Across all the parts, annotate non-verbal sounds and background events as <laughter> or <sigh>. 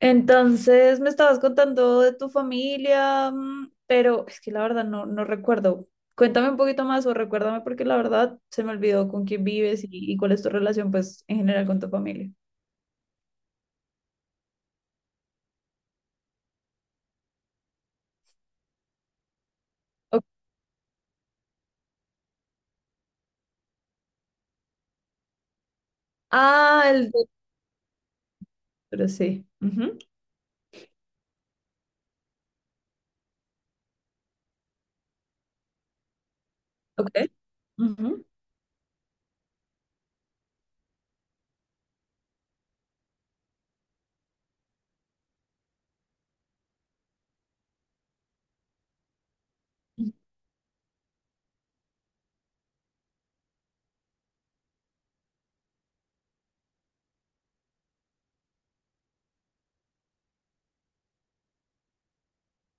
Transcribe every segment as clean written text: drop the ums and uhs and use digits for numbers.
Entonces me estabas contando de tu familia, pero es que la verdad no recuerdo. Cuéntame un poquito más o recuérdame porque la verdad se me olvidó con quién vives y cuál es tu relación pues en general con tu familia. Ok. Ah, el doctor, sí. Ujú. Ok. Ujú.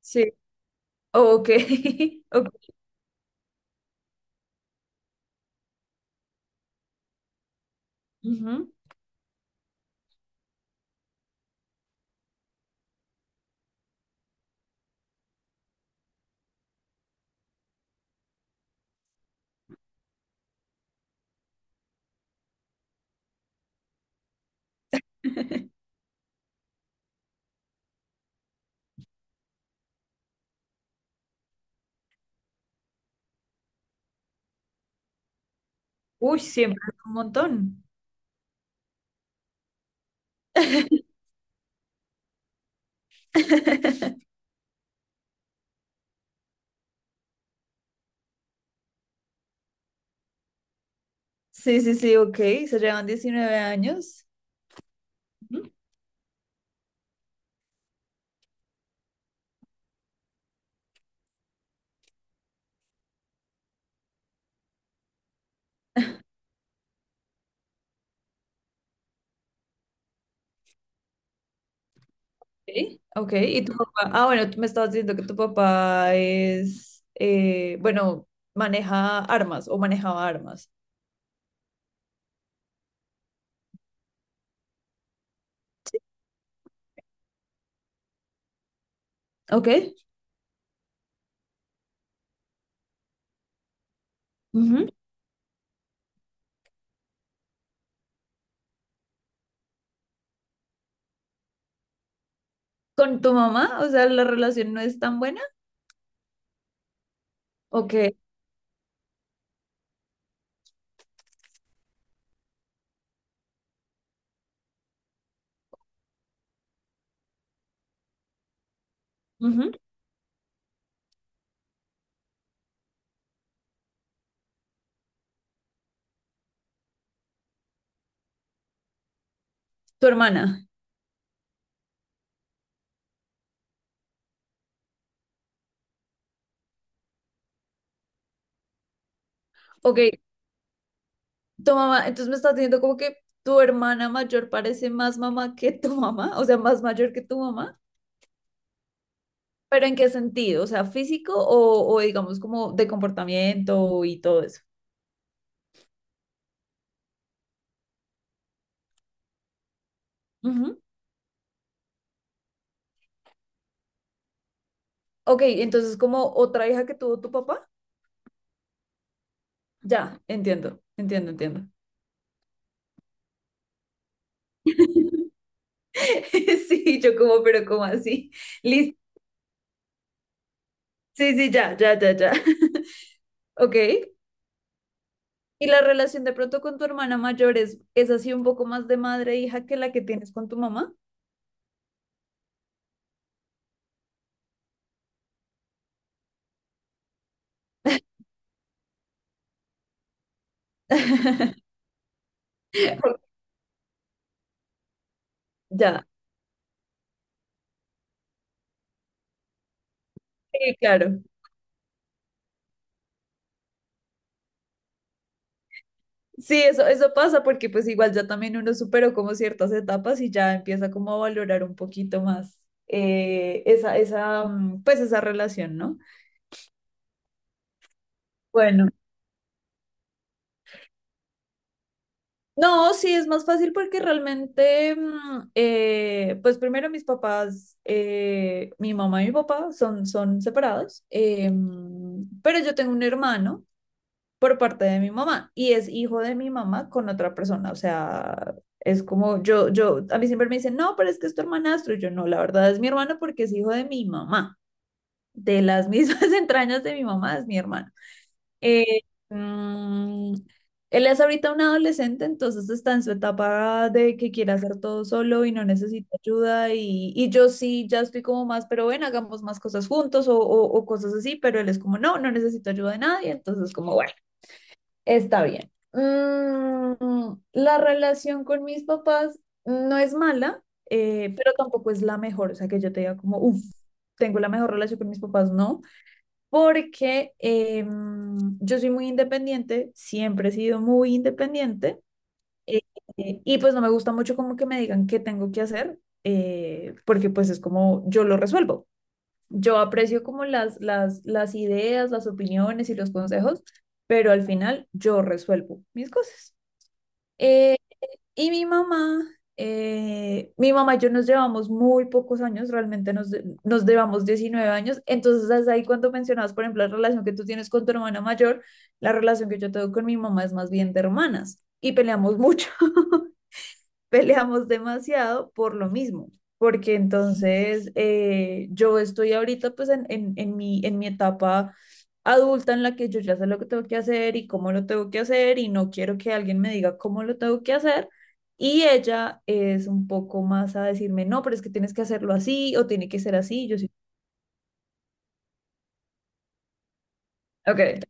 Sí. Oh, ok. <laughs> Ok. Ujú. <laughs> Uy, siempre es un montón. <laughs> Sí, sí, sí, ok. Se llevan 19 años. Okay, ok. ¿Y tu papá? Ah, bueno, tú me estabas diciendo que tu papá es, bueno, maneja armas o manejaba armas. Ok. Ujú. ¿Con tu mamá? O sea, la relación no es tan buena. Ok. Ujú. ¿Tu hermana? Ok. ¿Tu mamá? Entonces me estás diciendo como que tu hermana mayor parece más mamá que tu mamá, o sea, más mayor que tu mamá. ¿Pero en qué sentido? O sea, físico o digamos como de comportamiento y todo eso. Ujú. Ok, entonces como otra hija que tuvo tu papá. Ya, entiendo, entiendo, entiendo. <laughs> Sí, yo como, pero como así. Listo. Sí, sí, ya, ya, ya, ya. <laughs> Ok. ¿Y la relación de pronto con tu hermana mayor es así un poco más de madre e hija que la que tienes con tu mamá? <laughs> Ya, sí, claro. Sí, eso pasa porque pues igual ya también uno superó como ciertas etapas y ya empieza como a valorar un poquito más pues esa relación, ¿no? Bueno. No, sí, es más fácil porque realmente, pues primero mis papás, mi mamá y mi papá son separados, pero yo tengo un hermano por parte de mi mamá y es hijo de mi mamá con otra persona, o sea, es como yo, a mí siempre me dicen, no, pero es que es tu hermanastro, y yo no, la verdad es mi hermano porque es hijo de mi mamá, de las mismas <laughs> entrañas de mi mamá es mi hermano. Eh, mm, él es ahorita un adolescente, entonces está en su etapa de que quiere hacer todo solo y no necesita ayuda. Y yo sí, ya estoy como más, pero bueno hagamos más cosas juntos o cosas así, pero él es como, no, no necesito ayuda de nadie, entonces como, bueno, está bien. La relación con mis papás no es mala, pero tampoco es la mejor, o sea, que yo te diga como, uff, tengo la mejor relación con mis papás, no porque yo soy muy independiente, siempre he sido muy independiente, eh, y pues no me gusta mucho como que me digan qué tengo que hacer, porque pues es como yo lo resuelvo. Yo aprecio como las ideas, las opiniones y los consejos, pero al final yo resuelvo mis cosas. Eh, y mi mamá, mi mamá y yo nos llevamos muy pocos años, realmente nos llevamos 19 años. Entonces, hasta ahí cuando mencionabas, por ejemplo, la relación que tú tienes con tu hermana mayor, la relación que yo tengo con mi mamá es más bien de hermanas y peleamos <laughs> mucho, peleamos demasiado por lo mismo, porque entonces, yo estoy ahorita pues en mi etapa adulta en la que yo ya sé lo que tengo que hacer y cómo lo tengo que hacer y no quiero que alguien me diga cómo lo tengo que hacer. Y ella es un poco más a decirme, no, pero es que tienes que hacerlo así o tiene que ser así. Yo sí, ok.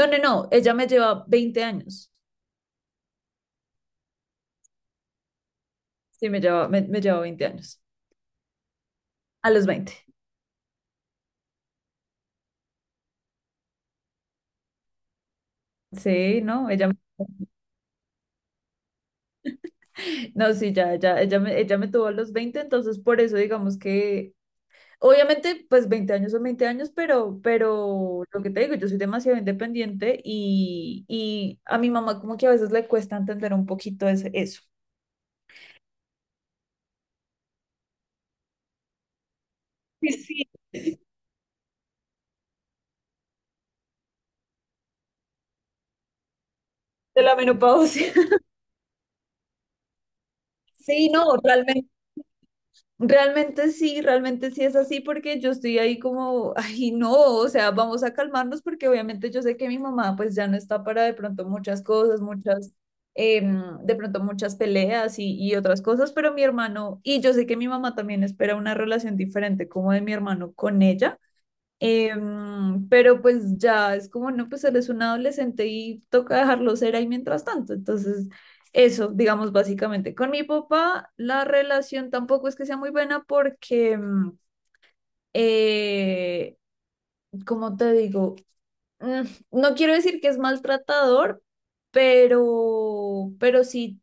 No, no, no, ella me lleva 20 años. Sí, me lleva 20 años. A los 20. Sí, no, ella me No, sí, ya, ya, ella me tuvo a los 20, entonces por eso digamos que, obviamente, pues 20 años son 20 años, pero lo que te digo, yo soy demasiado independiente y a mi mamá como que a veces le cuesta entender un poquito eso. Sí, sí, de la menopausia. <laughs> Sí, no, realmente. Realmente sí es así porque yo estoy ahí como, ay no, o sea, vamos a calmarnos porque obviamente yo sé que mi mamá pues ya no está para de pronto muchas cosas, de pronto muchas peleas y otras cosas, pero mi hermano, y yo sé que mi mamá también espera una relación diferente como de mi hermano con ella. Pero pues ya es como, no, pues eres un adolescente y toca dejarlo ser ahí mientras tanto. Entonces, eso, digamos, básicamente. Con mi papá, la relación tampoco es que sea muy buena porque, eh, como te digo, Mm, no quiero decir que es maltratador, pero sí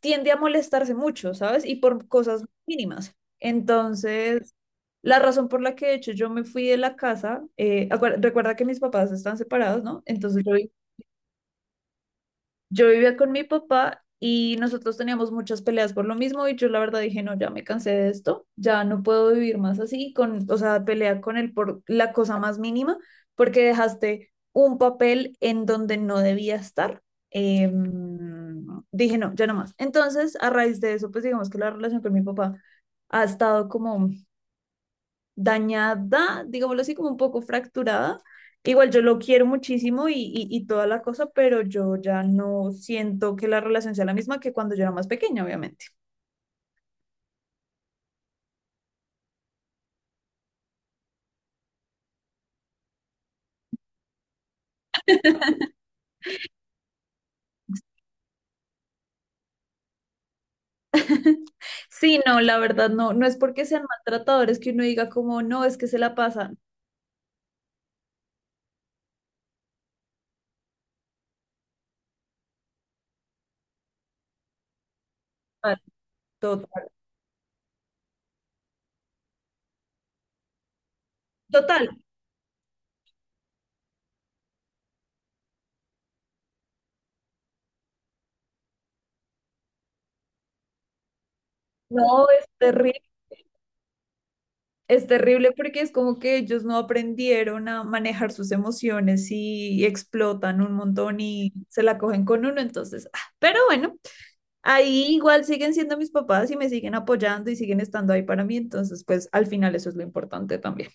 tiende a molestarse mucho, ¿sabes? Y por cosas mínimas. Entonces, la razón por la que de hecho yo me fui de la casa, recuerda que mis papás están separados, ¿no? Entonces yo vivía con mi papá y nosotros teníamos muchas peleas por lo mismo y yo la verdad dije, no, ya me cansé de esto, ya no puedo vivir más así, o sea, pelea con él por la cosa más mínima, porque dejaste un papel en donde no debía estar. Em, dije, no, ya no más. Entonces, a raíz de eso, pues digamos que la relación con mi papá ha estado como dañada, digámoslo así, como un poco fracturada. Igual yo lo quiero muchísimo y toda la cosa, pero yo ya no siento que la relación sea la misma que cuando yo era más pequeña, obviamente. <laughs> Sí, no, la verdad no, no es porque sean maltratadores que uno diga como, no, es que se la pasan. Mal. Total, total, no, es terrible porque es como que ellos no aprendieron a manejar sus emociones y explotan un montón y se la cogen con uno, entonces, ah, pero bueno. Ahí igual siguen siendo mis papás y me siguen apoyando y siguen estando ahí para mí, entonces pues al final eso es lo importante también.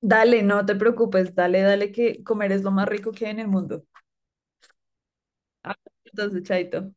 Dale, no te preocupes, dale, dale que comer es lo más rico que hay en el mundo. Ah, entonces, chaito.